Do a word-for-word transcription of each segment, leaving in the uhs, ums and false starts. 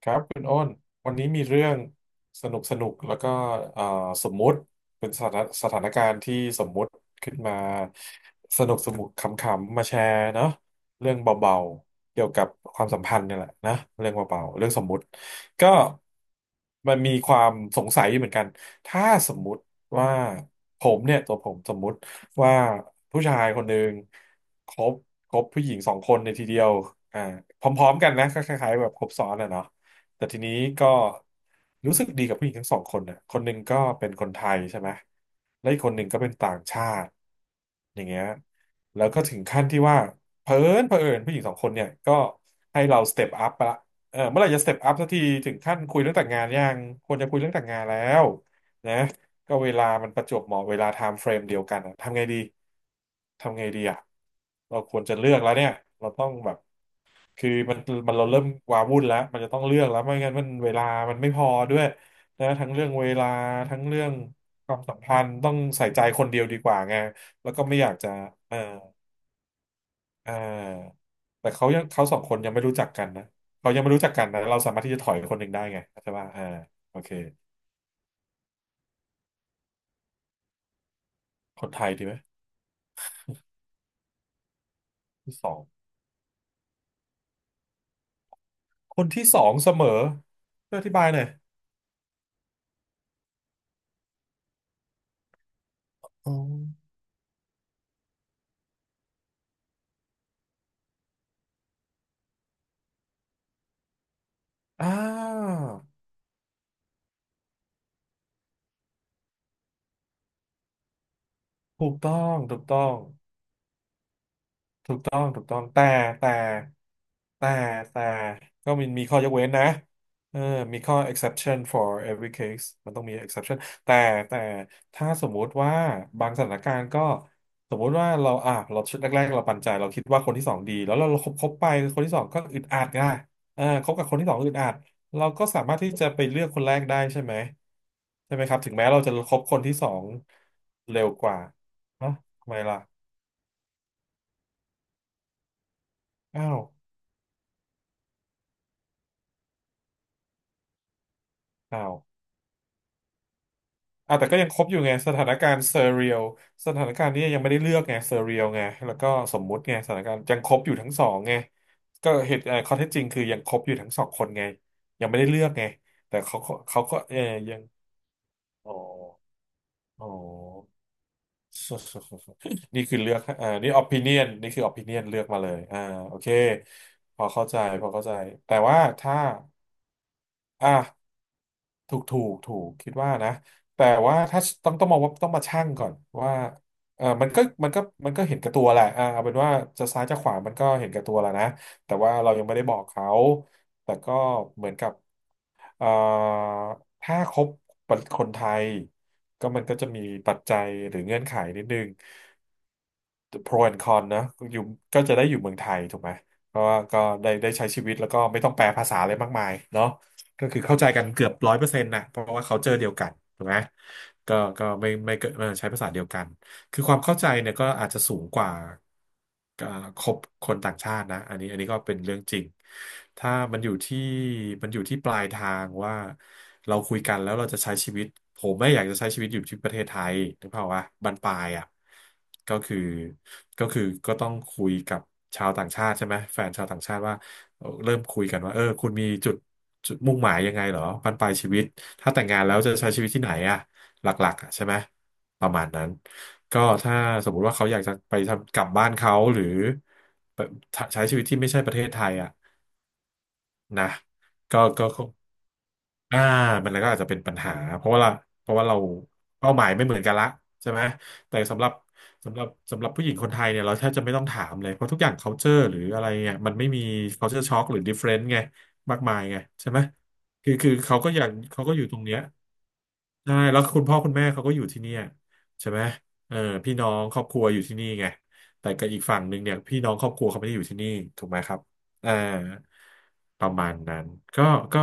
ครับคุณโอ้นวันนี้มีเรื่องสนุกสนุกแล้วก็เอ่อสมมุติเป็นสถานสถานการณ์ที่สมมุติขึ้นมาสนุกสนุกขำๆมาแชร์เนาะเรื่องเบาๆเกี่ยวกับความสัมพันธ์เนี่ยแหละนะเรื่องเบาๆเรื่องสมมุติก็มันมีความสงสัยอยู่เหมือนกันถ้าสมมุติว่าผมเนี่ยตัวผมสมมุติว่าผู้ชายคนหนึ่งคบคบผู้หญิงสองคนในทีเดียวอ่าพร้อมๆกันนะก็คล้ายๆแบบครบซ้อนอะเนาะ แต่ทีนี้ก็รู้สึกดีกับผู้หญิงทั้งสองคนนะคนหนึ่งก็เป็นคนไทยใช่ไหมและอีกคนหนึ่งก็เป็นต่างชาติอย่างเงี้ยแล้วก็ถึงขั้นที่ว่าเผอิญเผอิญผู้หญิงสองคนเนี่ยก็ให้เราสเต็ปอัพไปละเออเมื่อไหร่จะสเต็ปอัพสักทีถึงขั้นคุยเรื่องแต่งงานยังควรจะคุยเรื่องแต่งงานแล้วนะก็เวลามันประจวบเหมาะเวลาไทม์เฟรมเดียวกันอะทำไงดี ทำไงดีอะเราควรจะเลือกแล้วเนี่ยเราต้องแบบ คือมันมันเราเริ่มวาวุ่นแล้วมันจะต้องเลือกแล้วไม่งั้นมันเวลามันไม่พอด้วยนะทั้งเรื่องเวลาทั้งเรื่องความสัมพันธ์ต้องใส่ใจคนเดียวดีกว่าไงแล้วก็ไม่อยากจะเออเออแต่เขายังเขาสองคนยังไม่รู้จักกันนะเขายังไม่รู้จักกันนะเราสามารถที่จะถอยคนหนึ่งได้ไงใช่ป่ะอ่าโอเคคนไทยดีไหมที่สองคนที่สองเสมอช่วยอธิบายหน่อยอ๋ออ่าถูกต้องถูกต้อง ต้องถูกต้องแต่แต่แต่แต่ก็มีมีข้อยกเว้นนะเออมีข้อ exception for every case มันต้องมี exception แต่แต่ถ้าสมมุติว่าบางสถานการณ์ก็สมมุติว่าเราอ่ะเราชุดแรกๆเราปันใจเราคิดว่าคนที่สองดีแล้วเราเราคบคบไปคนที่สองก็อึดอัดไงเออคบกับคนที่สองอึดอัดเราก็สามารถที่จะไปเลือกคนแรกได้ใช่ไหมใช่ไหมครับถึงแม้เราจะคบคนที่สองเร็วกว่าเนอะทำไมล่ะอ้าวอ้าว อ่ะแต่ก็ยังครบอยู่ไงสถานการณ์เซอร์เรียลสถานการณ์นี้ยังไม่ได้เลือกไงเซอร์เรียลไงแล้วก็สมมุติไงสถานการณ์ยังครบอยู่ทั้งสองไงก็เหตุเอ่อข้อเท็จจริงคือยังครบอยู่ทั้งสองคนไงยังไม่ได้เลือกไงแต่เขาก็เขาก็เออยังอ๋ออ๋อ นี่คือเลือกอ่านี่ opinion นี่คือ opinion เลือกมาเลยอ่าโอเคพอเข้าใจพอเข้าใจแต่ว่าถ้าอ่ะ ถูกถูกถูกคิดว่านะแต่ว่าถ้าต้องต้องมองว่าต้องมาชั่งก่อนว่าเออมันก็มันก็มันก็เห็นแกับตัวแหละอ่าเอาเป็นว่าจะซ้ายจะขวามันก็เห็นแกับตัวแล้วนะแต่ว่าเรายังไม่ได้บอกเขาแต่ก็เหมือนกับเอ่อถ้าคบคนไทยก็มันก็จะมีปัจจัยหรือเงื่อนไขนิดนึง pro and con นคอนนะอยู่ก็จะได้อยู่เมืองไทยถูกไหมเพราะว่าก็ได้ได้ใช้ชีวิตแล้วก็ไม่ต้องแปลภาษาอะไรมากมายเนาะก็คือเข้าใจกันเกือบร้อยเปอร์เซ็นต์นะเพราะว่าเขาเจอเดียวกันถูกไหมก็ก็ไม่ไม่เกิดเออใช้ภาษาเดียวกัน คือความเข้าใจเนี่ยก็อาจจะสูงกว่าเอ่อคบคนต่างชาตินะอันนี้อันนี้ก็เป็นเรื่องจริงถ้ามันอยู่ที่มันอยู่ที่ปลายทางว่าเราคุยกันแล้วเราจะใช้ชีวิตผมไม่อยากจะใช้ชีวิตอยู่ที่ประเทศไทยนึกภาพว่าบั้นปลายอ่ะก็คือก็คือก็ต้องคุยกับชาวต่างชาติใช่ไหมแฟนชาวต่างชาติว่าเริ่มคุยกันว่าเออคุณมีจุดจุดมุ่งหมายยังไงเหรอบั้นปลายชีวิตถ้าแต่งงานแล้วจะใช้ชีวิตที่ไหนอ่ะหลักๆอะใช่ไหม ประมาณนั้นก็ถ้าสมมุติว่าเขาอยากจะไปทำกลับบ้านเขาหรือไปใช้ชีวิตที่ไม่ใช่ประเทศไทยอ่ะนะก็ก็ อ่ามันก็อาจจะเป็นปัญหาเพราะว่าเราเพราะว่าเราเป้าหมายไม่เหมือนกันละใช่ไหมแต่สำหรับสำหรับสำหรับผู้หญิงคนไทยเนี่ยเราแทบจะไม่ต้องถามเลยเพราะทุกอย่าง culture หรืออะไรเนี่ยมันไม่มี culture shock หรือ difference ไงมากมายไงใช่ไหมคือคือเขาก็อย่างเขาก็อยู่ตรงเนี้ยใช่แล้วคุณพ่อคุณแม่เขาก็อยู่ที่เนี่ยใช่ไหมเออพี่น้องครอบครัวอยู่ที่นี่ไงแต่กับอีกฝั่งหนึ่งเนี่ยพี่น้องครอบครัวเขาไม่ได้อยู่ที่นี่ถูกไหมครับ เออประมาณนั้นก็ก็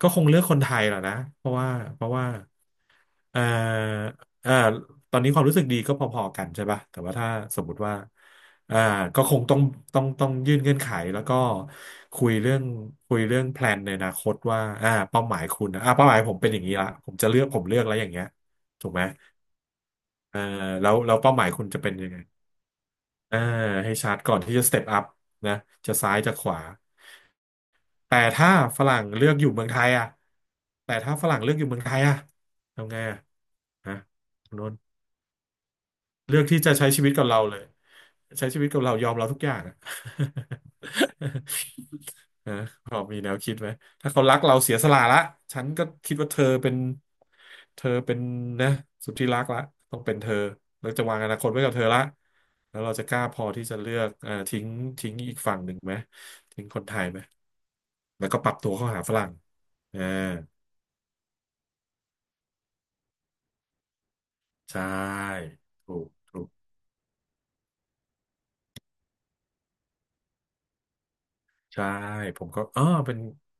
ก็คงเลือกคนไทยแหละนะเพราะว่าเพราะว่าเออเออตอนนี้ความรู้สึกดีก็พอๆกันใช่ป่ะแต่ว่าถ้าสมมติว่าเออก็คงต้องต้องต้องยื่นเงื่อนไขแล้วก็คุยเรื่องคุยเรื่องแพลนในอนาคตว่าอ่าเป้าหมายคุณอ่าเป้าหมายผมเป็นอย่างนี้ละผมจะเลือกผมเลือกแล้วอย่างเงี้ยถูกไหมเออแล้วแล้วเป้าหมายคุณจะเป็นยังไงเอาให้ชัดก่อนที่จะสเต็ปอัพนะจะซ้ายจะขวา แต่ถ้าฝรั่งเลือกอยู่เมืองไทยอ่ะแต่ถ้าฝรั่งเลือกอยู่เมืองไทยอ่ะทำไงอ่ะฮะคุณโนนเลือกที่จะใช้ชีวิตกับเราเลยใช้ชีวิตกับเรายอมเราทุกอย่างอะ นะพอมีแนวคิดไหม ถ้าเขารักเราเสียสละละฉันก็คิดว่าเธอเป็นเธอเป็นนะสุดที่รักละต้องเป็นเธอเราจะวางอนาคตไว้กับเธอละแล้วเราจะกล้าพอที่จะเลือกเอ่อทิ้งทิ้งอีกฝั่งหนึ่งไหม ทิ้งคนไทยไหม แล้วก็ปรับตัวเข้าหาฝรั่งอ่าใช่ถูกถูก ใช่ผมก็อ๋อเป็น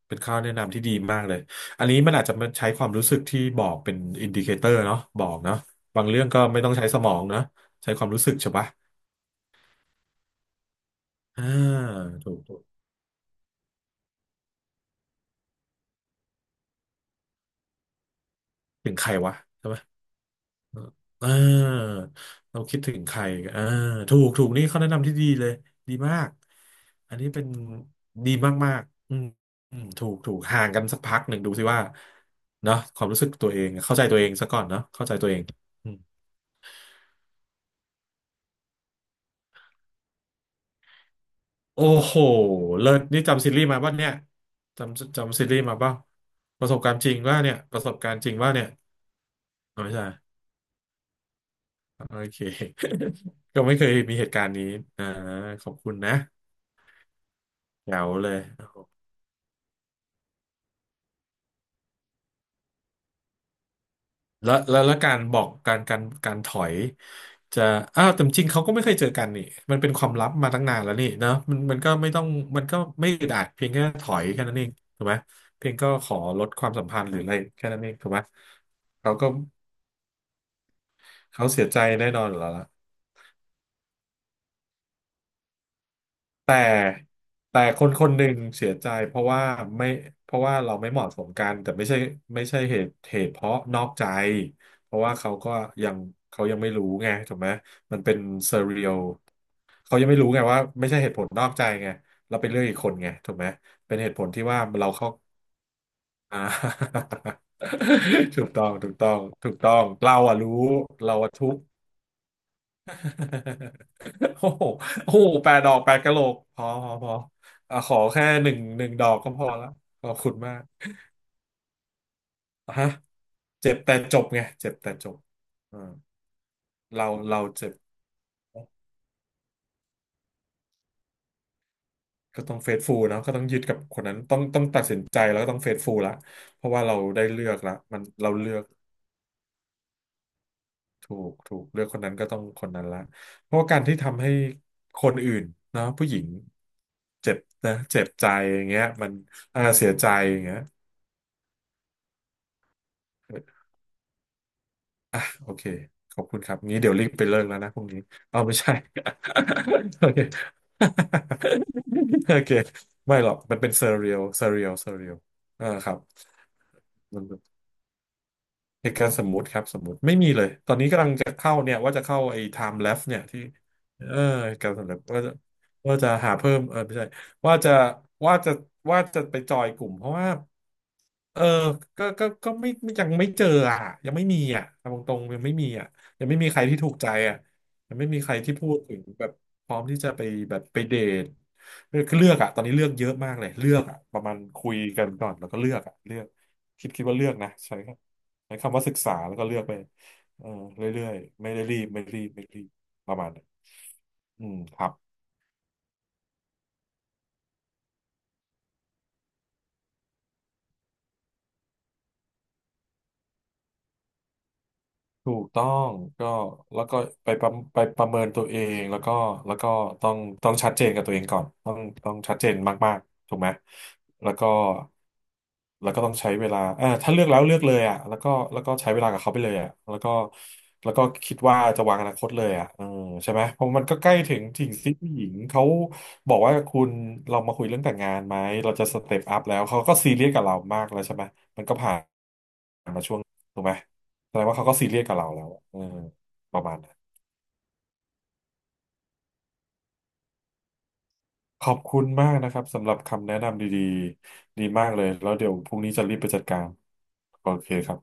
เป็นข้อแนะนำที่ดีมากเลยอันนี้มันอาจจะมาใช้ความรู้สึกที่บอกเป็นอินดิเคเตอร์เนาะบอกเนาะบางเรื่องก็ไม่ต้องใช้สมองนะใช้ความรู้สึกใช่ปะอ่าถูกถูกถึงใครวะใช่ไหมอ่าเราคิดถึงใครอ่าถูกถูกนี่เข้อแนะนำที่ดีเลยดีมากอันนี้เป็นดีมากๆอืมอืมถูกถูกห่างกันสักพักหนึ่งดูสิว่าเนาะความรู้สึกตัวเองเข้าใจตัวเองซะก่อนเนาะเข้าใจตัวเอง โอ้โหเลิศนี่จำซีรีส์มาป่ะเนี่ยจำจำซีรีส์มาป่ะประสบการณ์จริงว่าเนี่ยประสบการณ์จริงว่าเนี่ยอ๋อไม่ใช่โอเค ก็ไม่เคยมีเหตุการณ์นี้อ่าขอบคุณนะแจ๋วเลยแล้วแล้วแล้วการบอกการการการถอยจะอ้าวแต่จริงเขาก็ไม่เคยเจอกันนี่มันเป็นความลับมาตั้งนานแล้วนี่เนอะมันมันก็ไม่ต้องมันก็ไม่อึดอัดเพียงแค่ถอยแค่นั้นเองถูกไหมเพียงก็ขอลดความสัมพันธ์หรืออะไรแค่นั้นเองถูกไหมเขาก็ เขาเสียใจแน่นอนอยู่แล้วล่ะแต่แต่คนคนหนึ่งเสียใจเพราะว่าไม่เพราะว่าเราไม่เหมาะสมกันแต่ไม่ใช่ไม่ใช่เหตุเหตุเพราะนอกใจเพราะว่าเขาก็ยังเขายังไม่รู้ไงถูกไหมมันเป็นเซเรียลเขายังไม่รู้ไงว่าไม่ใช่เหตุผลนอกใจไงเราไปเลือกอีกคนไงถูกไหมเป็นเหตุผลที่ว่าเราเข้าอ่า ถูกต้องถูกต้องถูกต้องเราอะรู้เราอะทุกข์ โอ้โหโอ้โหแปดดอกแปดกะโหลกพอพอพออ่ะขอแค่หนึ่งหนึ่งดอกก็พอละขอบคุณมากอ่ะฮะเจ็บแต่จบไงเจ็บแต่จบอ่าเราเราเจ็บก็ต้องเฟซฟูลเนาะก็ต้องยึดกับคนนั้นต้องต้องตัดสินใจแล้วก็ต้องเฟซฟูลละเพราะว่าเราได้เลือกละมันเราเลือกถูกถูกเลือกคนนั้นก็ต้องคนนั้นละเพราะว่าการที่ทำให้คนอื่นเนาะผู้หญิงเจ็บนะเจ็บใจอย่างเงี้ยมันอ่าเสียใจอย่างเงี้ย โอเค ขอบคุณครับงี้เดี๋ยวรีบไปเลิกแล้วนะพรุ่งนี้ เอาไม่ใช่ โอเค โอเค ไม่หรอก มันเป็นเซอร์เรียลเซอร์เรียลเซอร์เรียลอ่าครับมัน เหตุการณ์สมมุติครับสมมุติไม่มีเลยตอนนี้กำลังจะเข้าเนี่ยว่าจะเข้าไอ้ time l e f เนี่ยที่เออการสำหรับว่าจะว่าจะหาเพิ่มเออไม่ใช่ว่าจะว่าจะว่าจะไปจอยกลุ่มเพราะว่าเออก็ก็ก็ไม่ยังไม่เจออ่ะยังไม่มีอ่ะตรงตรงๆยังไม่มีอ่ะยังไม่มีใครที่ถูกใจอ่ะยังไม่มีใครที่พูดถึงแบบพร้อมที่จะไปแบบไปเดทคือเลือกอ่ะตอนนี้เลือกเยอะมากเลยเลือกอ่ะประมาณคุยกันก่อนแล้วก็เลือกอ่ะเลือกคิดคิดว่าเลือกนะใช่ ใช้คำว่าศึกษาแล้วก็เลือกไปเออเรื่อยๆไม่ได้รีบไม่รีบไม่รีบประมาณนั้นอืมครับ ถูกต้องก็แล้วก็ไปประไปประเมินตัวเองแล้วก็แล้วก็ต้องต้องชัดเจนกับตัวเองก่อนต้องต้องชัดเจนมากๆถูกไหมแล้วก็แล้วก็ต้องใช้เวลาเออถ้าเลือกแล้วเลือกเลยอ่ะแล้วก็แล้วก็ใช้เวลากับเขาไปเลยอ่ะแล้วก็แล้วก็คิดว่าจะวางอนาคตเลยอ่ะเออใช่ไหมเพราะมันก็ใกล้ถึงสิ่งที่ผู้หญิงเขาบอกว่าคุณเรามาคุยเรื่องแต่งงานไหมเราจะสเต็ปอัพแล้วเขาก็ซีเรียสกับเรามากแล้วใช่ไหมมันก็ผ่านมาช่วงถูกไหม แสดงว่าเขาก็ซีเรียสกับเราแล้วเออประมาณนั้นขอบคุณมากนะครับสำหรับคำแนะนำดีๆดีมากเลยแล้วเดี๋ยวพรุ่งนี้จะรีบไปจัดการโอเคครับ